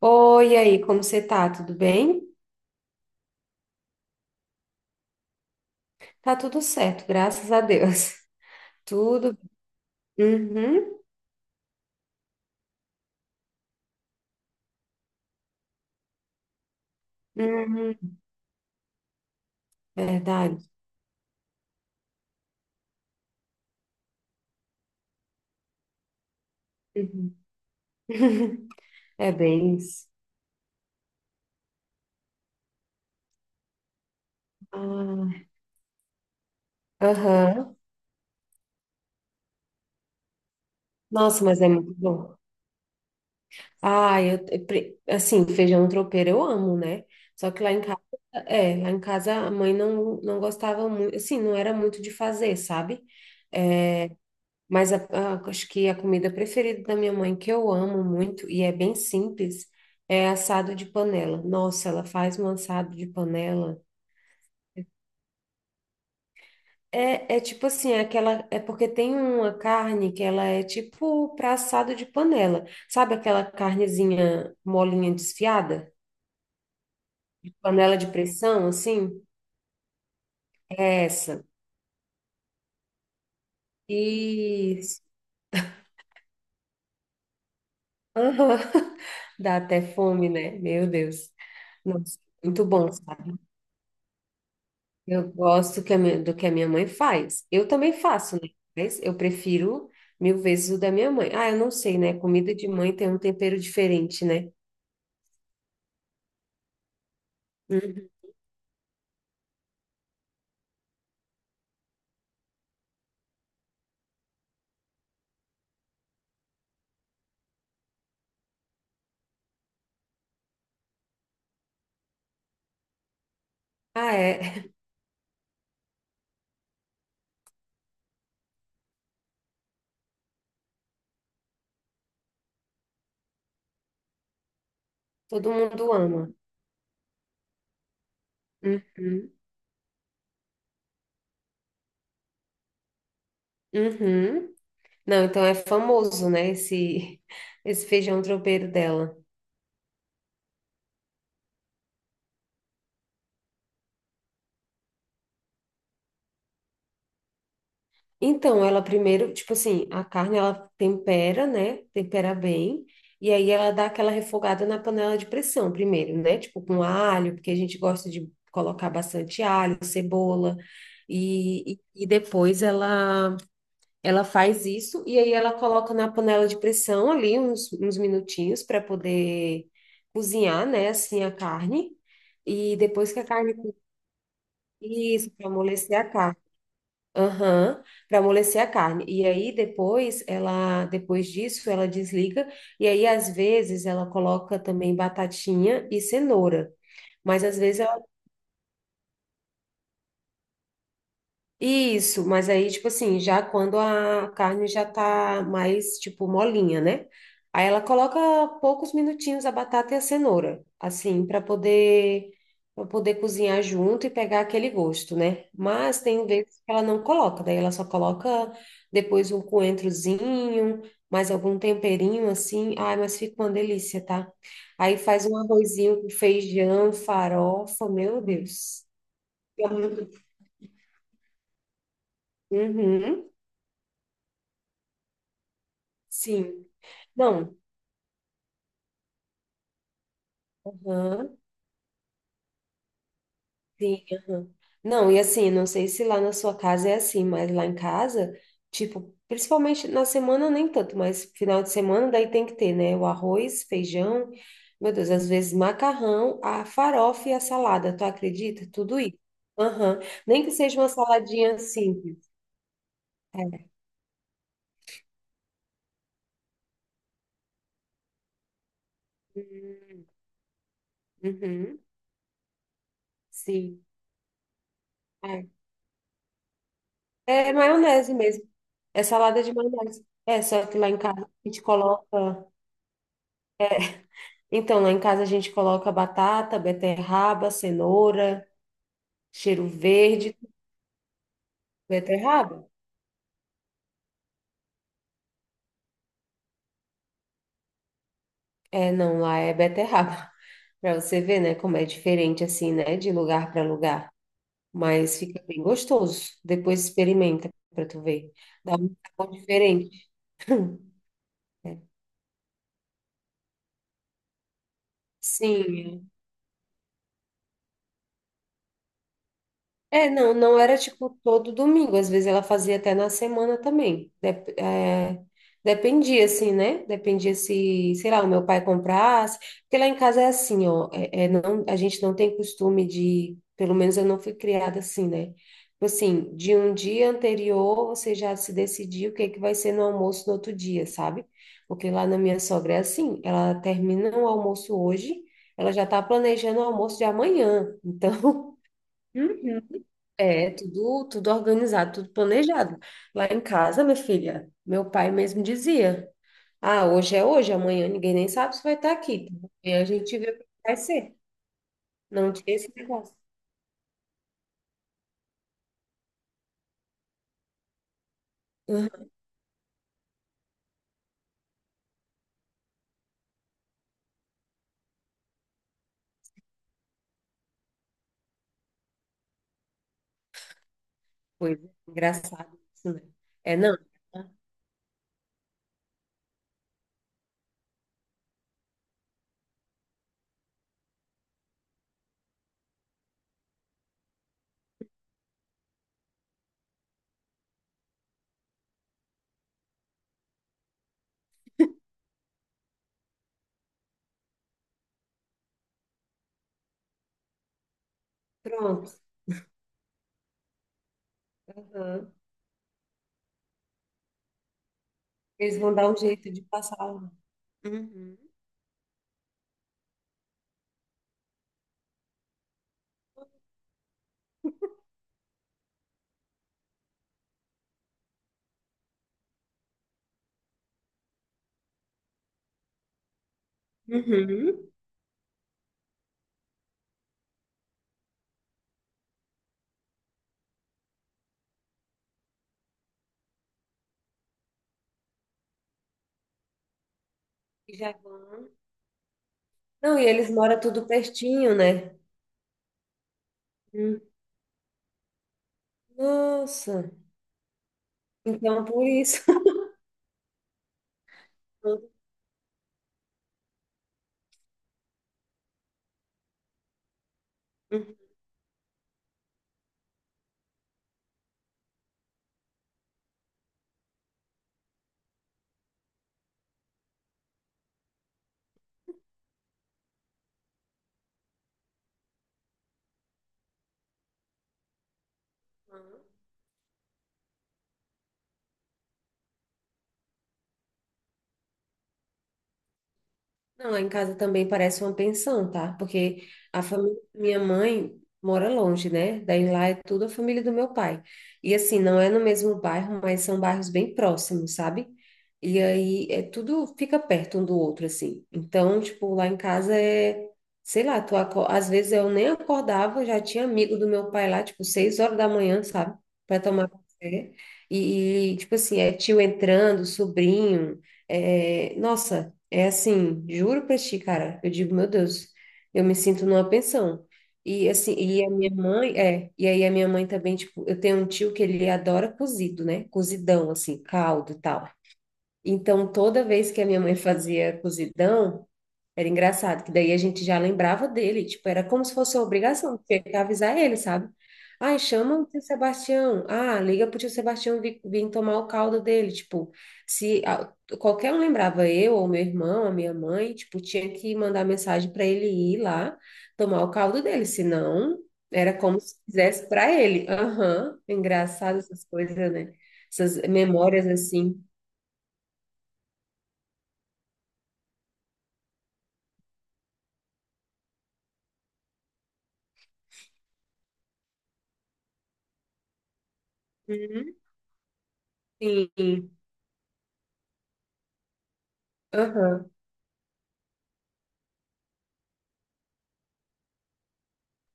Oi, e aí, como você tá? Tudo bem? Tá tudo certo, graças a Deus. Tudo. Uhum, uhum, verdade. Uhum. É bem isso. Ah, Aham. Nossa, mas é muito bom. Ah, assim, feijão tropeiro eu amo, né? Só que lá em casa, a mãe não, não gostava muito, assim, não era muito de fazer, sabe? É, Mas acho que a comida preferida da minha mãe, que eu amo muito e é bem simples, é assado de panela. Nossa, ela faz um assado de panela. É tipo assim, é porque tem uma carne que ela é tipo para assado de panela. Sabe aquela carnezinha molinha desfiada? De panela de pressão, assim? É essa. Isso. Aham. Dá até fome, né? Meu Deus. Nossa, muito bom, sabe? Eu gosto que do que a minha mãe faz. Eu também faço, né? Mas eu prefiro mil vezes o da minha mãe. Ah, eu não sei, né? Comida de mãe tem um tempero diferente, né? Uhum. Ah, é. Todo mundo ama. Uhum. Uhum. Não, então é famoso, né? Esse, esse feijão tropeiro dela. Então, ela primeiro, tipo assim, a carne ela tempera, né? Tempera bem. E aí ela dá aquela refogada na panela de pressão primeiro, né? Tipo com alho, porque a gente gosta de colocar bastante alho, cebola. E depois ela faz isso e aí ela coloca na panela de pressão ali uns minutinhos para poder cozinhar, né? Assim a carne. E depois que a carne cozinha, isso, para amolecer a carne. Aham, para amolecer a carne. E aí depois disso, ela desliga e aí às vezes ela coloca também batatinha e cenoura, mas às vezes Isso, mas aí, tipo assim, já quando a carne já tá mais, tipo, molinha, né? Aí ela coloca poucos minutinhos a batata e a cenoura, assim, para poder cozinhar junto e pegar aquele gosto, né? Mas tem vezes que ela não coloca, daí ela só coloca depois um coentrozinho, mais algum temperinho assim. Ai, mas fica uma delícia, tá? Aí faz um arrozinho com feijão, farofa, meu Deus. Uhum, sim. Não, aham, sim, aham. Não, e assim, não sei se lá na sua casa é assim, mas lá em casa, tipo, principalmente na semana nem tanto, mas final de semana daí tem que ter, né? O arroz, feijão, meu Deus, às vezes macarrão, a farofa e a salada, tu acredita? Tudo isso. Aham. Nem que seja uma saladinha simples. É. Uhum, sim. É. É maionese mesmo. É salada de maionese. É, só que lá em casa a gente coloca. Então, lá em casa a gente coloca batata, beterraba, cenoura, cheiro verde. Beterraba? É, não, lá é beterraba. Para você ver, né, como é diferente assim, né, de lugar para lugar. Mas fica bem gostoso. Depois experimenta para tu ver. Dá um sabor diferente. É. Sim, é, não, não era tipo todo domingo, às vezes ela fazia até na semana também. Dependia, assim, né? Dependia se, sei lá, o meu pai comprasse. Porque lá em casa é assim, ó, não, a gente não tem costume de, pelo menos eu não fui criada assim, né? Tipo assim, de um dia anterior você já se decidiu o que é que vai ser no almoço no outro dia, sabe? Porque lá na minha sogra é assim, ela termina o almoço hoje, ela já tá planejando o almoço de amanhã, então. Uhum. É, tudo, tudo organizado, tudo planejado. Lá em casa, minha filha, meu pai mesmo dizia: Ah, hoje é hoje, amanhã ninguém nem sabe se vai estar aqui. Amanhã a gente vê o que vai ser. Não tinha esse negócio. Uhum. Coisa engraçado isso, né? É, não. Tá. Pronto. Uhum. Eles vão dar um jeito de passar lá. Uhum. Uhum. E já vão. Não, e eles moram tudo pertinho, né? Hum. Nossa. Então, por isso. Não, lá em casa também parece uma pensão, tá? Porque a família da minha mãe mora longe, né? Daí lá é tudo a família do meu pai. E assim, não é no mesmo bairro, mas são bairros bem próximos, sabe? E aí é tudo fica perto um do outro, assim. Então, tipo, lá em casa é, sei lá, às vezes eu nem acordava, já tinha amigo do meu pai lá, tipo, 6 horas da manhã, sabe? Pra tomar café. Tipo assim, é tio entrando, sobrinho. É, nossa. É assim, juro pra ti, cara. Eu digo, meu Deus, eu me sinto numa pensão. E assim, e aí a minha mãe também, tipo, eu tenho um tio que ele adora cozido, né? Cozidão, assim, caldo e tal. Então, toda vez que a minha mãe fazia cozidão, era engraçado, que daí a gente já lembrava dele, tipo, era como se fosse uma obrigação, tinha que avisar ele, sabe? Ai, chama o tio Sebastião. Ah, liga pro tio Sebastião vir, tomar o caldo dele. Tipo, se a- qualquer um lembrava eu, ou meu irmão, a minha mãe, tipo, tinha que mandar mensagem para ele ir lá tomar o caldo dele, senão era como se fizesse para ele. Aham, engraçado essas coisas, né? Essas memórias assim. Uhum. Sim, aham.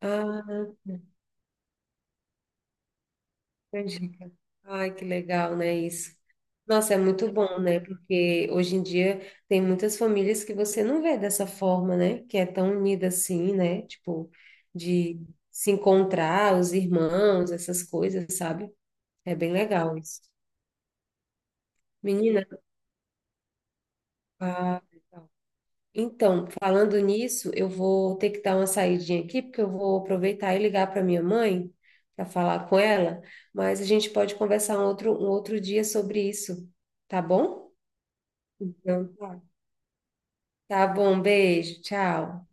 Ah, canjica. Ai, que legal, né, isso. Nossa, é muito bom, né? Porque hoje em dia tem muitas famílias que você não vê dessa forma, né? Que é tão unida assim, né? Tipo, de se encontrar, os irmãos, essas coisas, sabe? É bem legal isso. Menina, ah, legal. Então, falando nisso, eu vou ter que dar uma saidinha aqui, porque eu vou aproveitar e ligar para minha mãe para falar com ela, mas a gente pode conversar um outro, dia sobre isso, tá bom? Então, tá. Tá bom, beijo, tchau.